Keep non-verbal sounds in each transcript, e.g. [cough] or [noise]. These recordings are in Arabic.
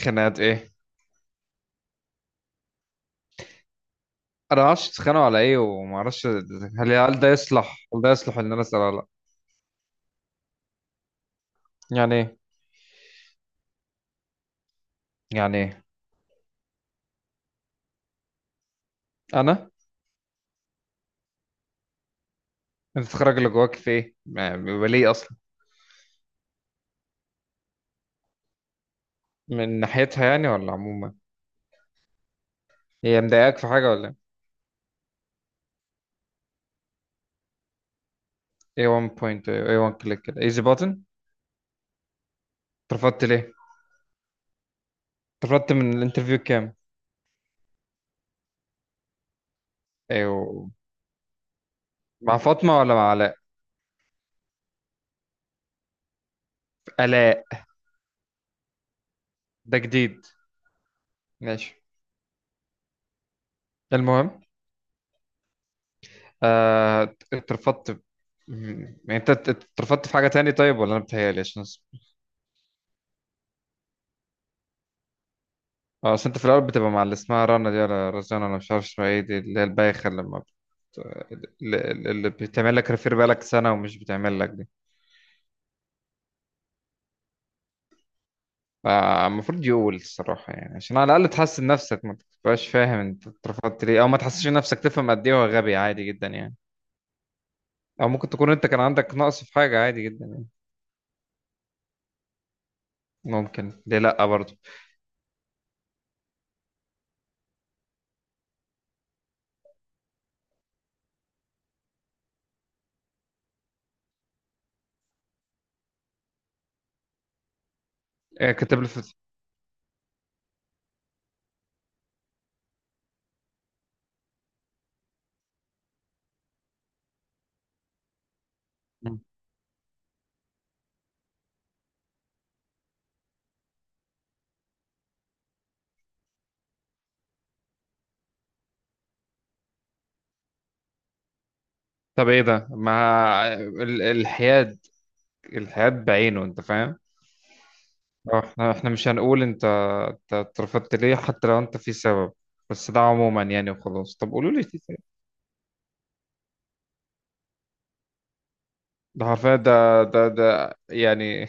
خناقات ايه؟ انا ما اعرفش اتخانقوا على ايه، وما اعرفش هل ده يصلح ان انا اسال ولا لا. يعني ايه؟ يعني ايه؟ انا؟ انت تخرج اللي جواك في ايه؟ بيبقى ليه اصلا؟ من ناحيتها يعني، ولا عموما؟ هي مضايقاك في حاجه ولا؟ ايه 1 بوينت؟ ايه 1 كليك؟ كده ايزي باتن. اترفضت ليه؟ اترفضت من الانترفيو كام؟ ايوه. مع فاطمه ولا مع علاء؟ علاء؟ ده جديد. ماشي. المهم. آه، اترفضت. م- يعني انت اترفضت في حاجه تاني طيب، ولا انا بتهيألي عشان؟ اه، اصل انت في الاول بتبقى مع اللي اسمها رنا دي، ولا رزانة، ولا مش عارف اسمها ايه دي، اللي هي البايخة اللي ما بت... اللي اللي بتعمل لك ريفير بقالك سنة، ومش بتعمل لك دي. فالمفروض يقول الصراحة يعني، عشان على الأقل تحسن نفسك، ما تبقاش فاهم انت اترفضت ليه، أو ما تحسش نفسك تفهم قد ايه هو غبي، عادي جدا يعني. أو ممكن تكون انت كان عندك نقص في حاجة، عادي جدا يعني. ممكن، ليه لأ برضه. إيه كتب لي طب ايه ده؟ ما ال- الحياد، الحياد بعينه، انت فاهم. اه، احنا مش هنقول انت انت اترفضت ليه حتى لو انت في سبب، بس ده عموما يعني، وخلاص. طب قولوا لي في سبب. ده حرفيا، ده يعني.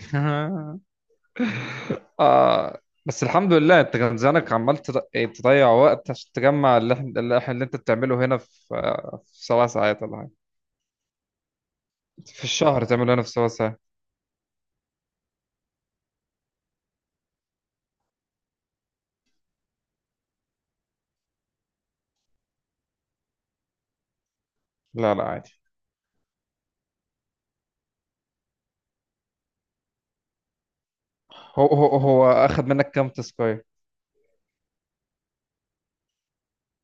[laughs] آه. بس الحمد لله، انت كان زمانك عمال ايه، تضيع وقت عشان تجمع اللي انت بتعمله هنا في 7 ساعات ولا حاجه في الشهر، تعمله هنا في 7 ساعات. لا لا، عادي. هو اخد منك كام تسكاي؟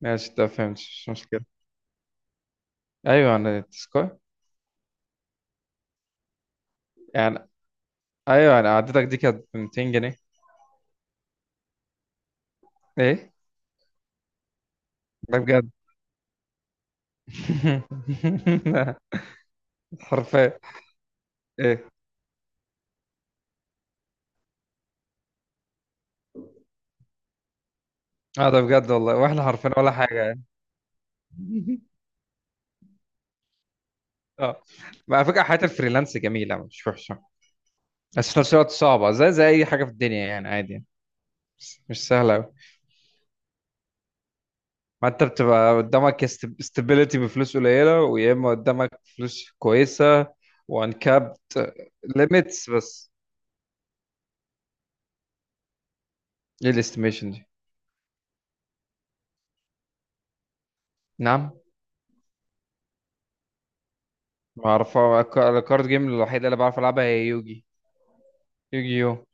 ماشي، ده فهمت، مش مشكله. ايوه انا تسكاي يعني. ايوه، انا قعدتك دي كانت ب 200 جنيه. ايه؟ ده بجد. [laughs] حرفيا. ايه. اه ده بجد والله، واحنا حرفيا ولا حاجه يعني. [laughs] اه. ما على فكره، حياه الفريلانس جميله مش وحشه، بس في نفس الوقت صعبه زي اي حاجه في الدنيا يعني، عادي يعني. بس مش سهله قوي. ما انت بتبقى قدامك استابيليتي بفلوس قليله، ويا اما قدامك فلوس كويسه وان كابت ليميتس. بس ايه الاستيميشن دي؟ نعم. ما اعرف الكارد جيم الوحيده اللي بعرف العبها هي يوجي. يوجي يو.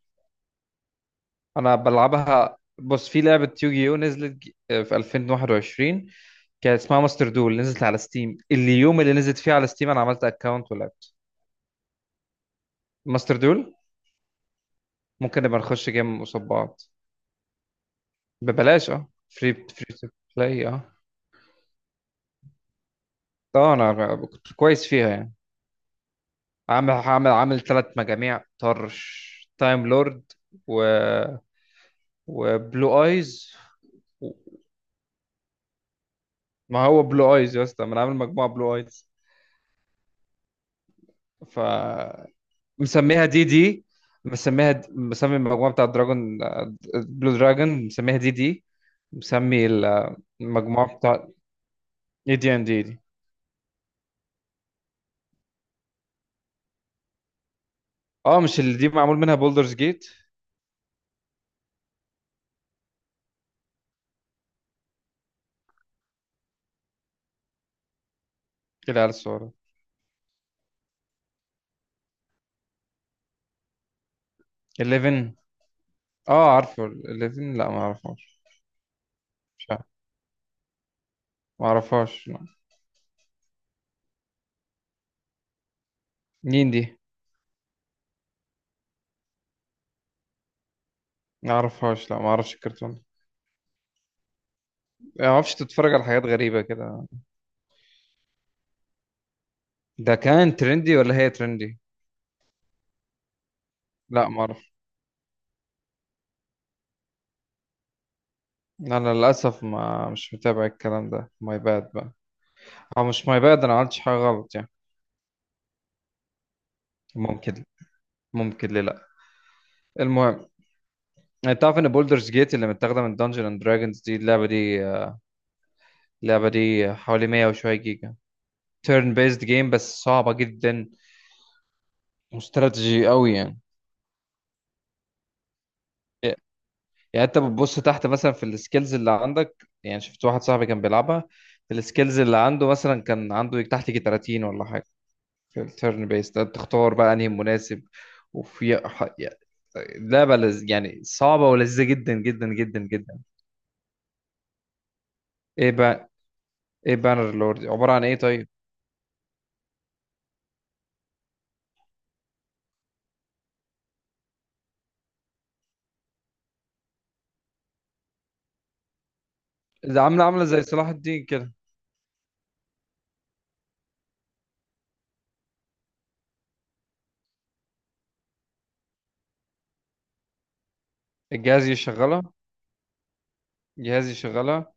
انا بلعبها. بص، في لعبة يوجيو نزلت في 2021 كانت اسمها ماستر دول. نزلت على ستيم، اليوم اللي نزلت فيه على ستيم انا عملت اكونت ولعبت. ماستر دول. ممكن نبقى نخش جيم قصاد بعض. ببلاش، اه، فري تو بلاي، اه. اه، انا كنت كويس فيها يعني. عامل ثلاث مجاميع، طرش تايم لورد، و، وبلو ايز. ما هو بلو ايز يا اسطى، ما انا عامل مجموعة بلو ايز. ف، مسميها دي دي. مسميها مسمي المجموعة بتاع دراجون، بلو دراجون، مسميها دي دي. مسمي المجموعة بتاع اي دي ان دي دي. اه، مش اللي دي معمول منها بولدرز جيت؟ اللي على الصورة. 11؟ اه، عارفه 11؟ لا، ما اعرفهاش. مش عارف. ما اعرفهاش، لا. مين دي؟ ما اعرفهاش لا، ما اعرفش الكرتون يعني. ما اعرفش، تتفرج على حاجات غريبة كده. ده كان ترندي ولا هي ترندي؟ لا، ما اعرف. انا للاسف ما مش متابع الكلام ده، ماي باد بقى. او مش ماي باد، انا ما عملتش حاجة غلط يعني. ممكن. ممكن، ليه لا. المهم، انت تعرف ان بولدرز جيت اللي متاخده من دنجن اند دراجونز دي، اللعبه دي، اللعبه دي حوالي 100 وشويه جيجا. تيرن بيزد جيم، بس صعبه جدا واستراتيجي قوي يعني. إيه، يعني انت بتبص تحت مثلا في السكيلز اللي عندك. يعني شفت واحد صاحبي كان بيلعبها، السكيلز اللي عنده مثلا كان عنده تحت يجي 30 ولا حاجه. في التيرن بيست تختار بقى انهي مناسب. يعني لعبه، يعني صعبه ولذيذه جدا جدا جدا جدا. ايه بقى؟ ايه بانر لورد؟ عبارة عن ايه طيب؟ ده عاملة زي صلاح الدين كده. الجهاز يشغلها؟ جهاز يشغلها؟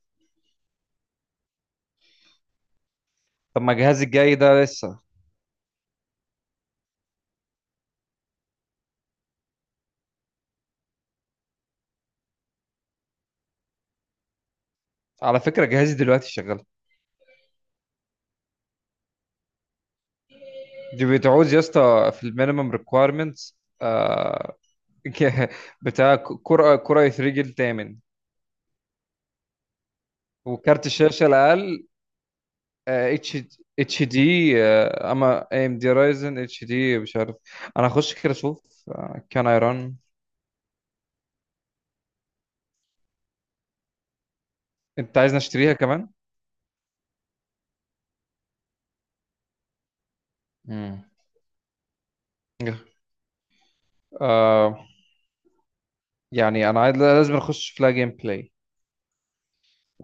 طب ما جهازي الجاي ده لسه. على فكرة جهازي دلوقتي شغال. دي بتعوز يا اسطى في المينيمم ريكويرمنتس، [laughs] ك- بتاع كرة كرة يترجل الثامن. وكارت الشاشة الأقل اتش، اتش دي. اما اي ام دي رايزن اتش دي، مش عارف. انا هخش كده اشوف. كان ايران. انت عايزني اشتريها كمان؟ امم يعني انا عايز، لازم اخش في لها جيم بلاي.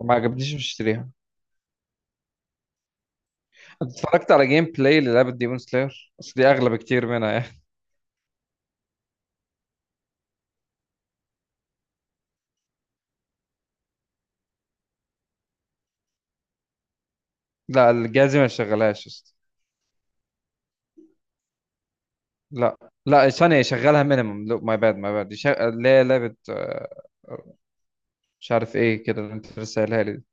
ما عجبنيش، مش هشتريها. أنت اتفرجت على جيم بلاي للعبة ديمون سلاير؟ بس دي اغلى بكتير منها يعني. [laughs] لا، الجهاز ما يشغلهاش يا اسطى. لا لا، ثانية، يشغلها مينيمم. لو ماي باد، ماي باد يشغل اللي هي لعبة، مش عارف ايه كده اللي انت لسه قايلها لي دي.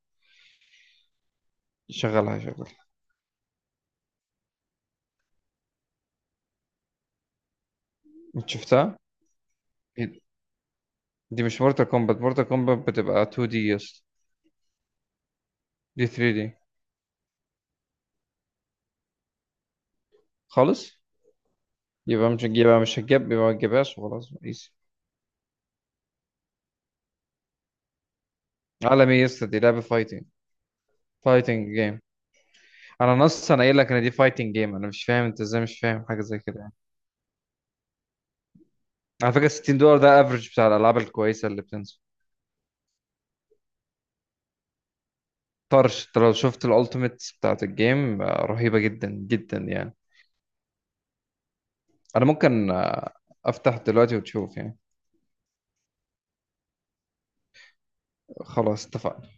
يشغلها يشغلها. انت شفتها؟ إيه؟ دي مش مورتال كومبات، مورتال كومبات بتبقى 2 دي، يس دي 3 دي خالص. يبقى مش، يبقى مش هتجيب، يبقى ما تجيبهاش وخلاص، ايزي. عالمي، يس، دي لعبة فايتنج، فايتنج جيم. انا نص، انا قايل لك ان دي فايتنج جيم. انا مش فاهم انت ازاي مش فاهم حاجه زي كده يعني. على فكره 60 دولار ده افريج بتاع الالعاب الكويسه اللي بتنزل. طرش انت لو شفت الالتيميت بتاعت الجيم، رهيبه جدا جدا يعني. انا ممكن، افتح دلوقتي وتشوف يعني. خلاص اتفقنا.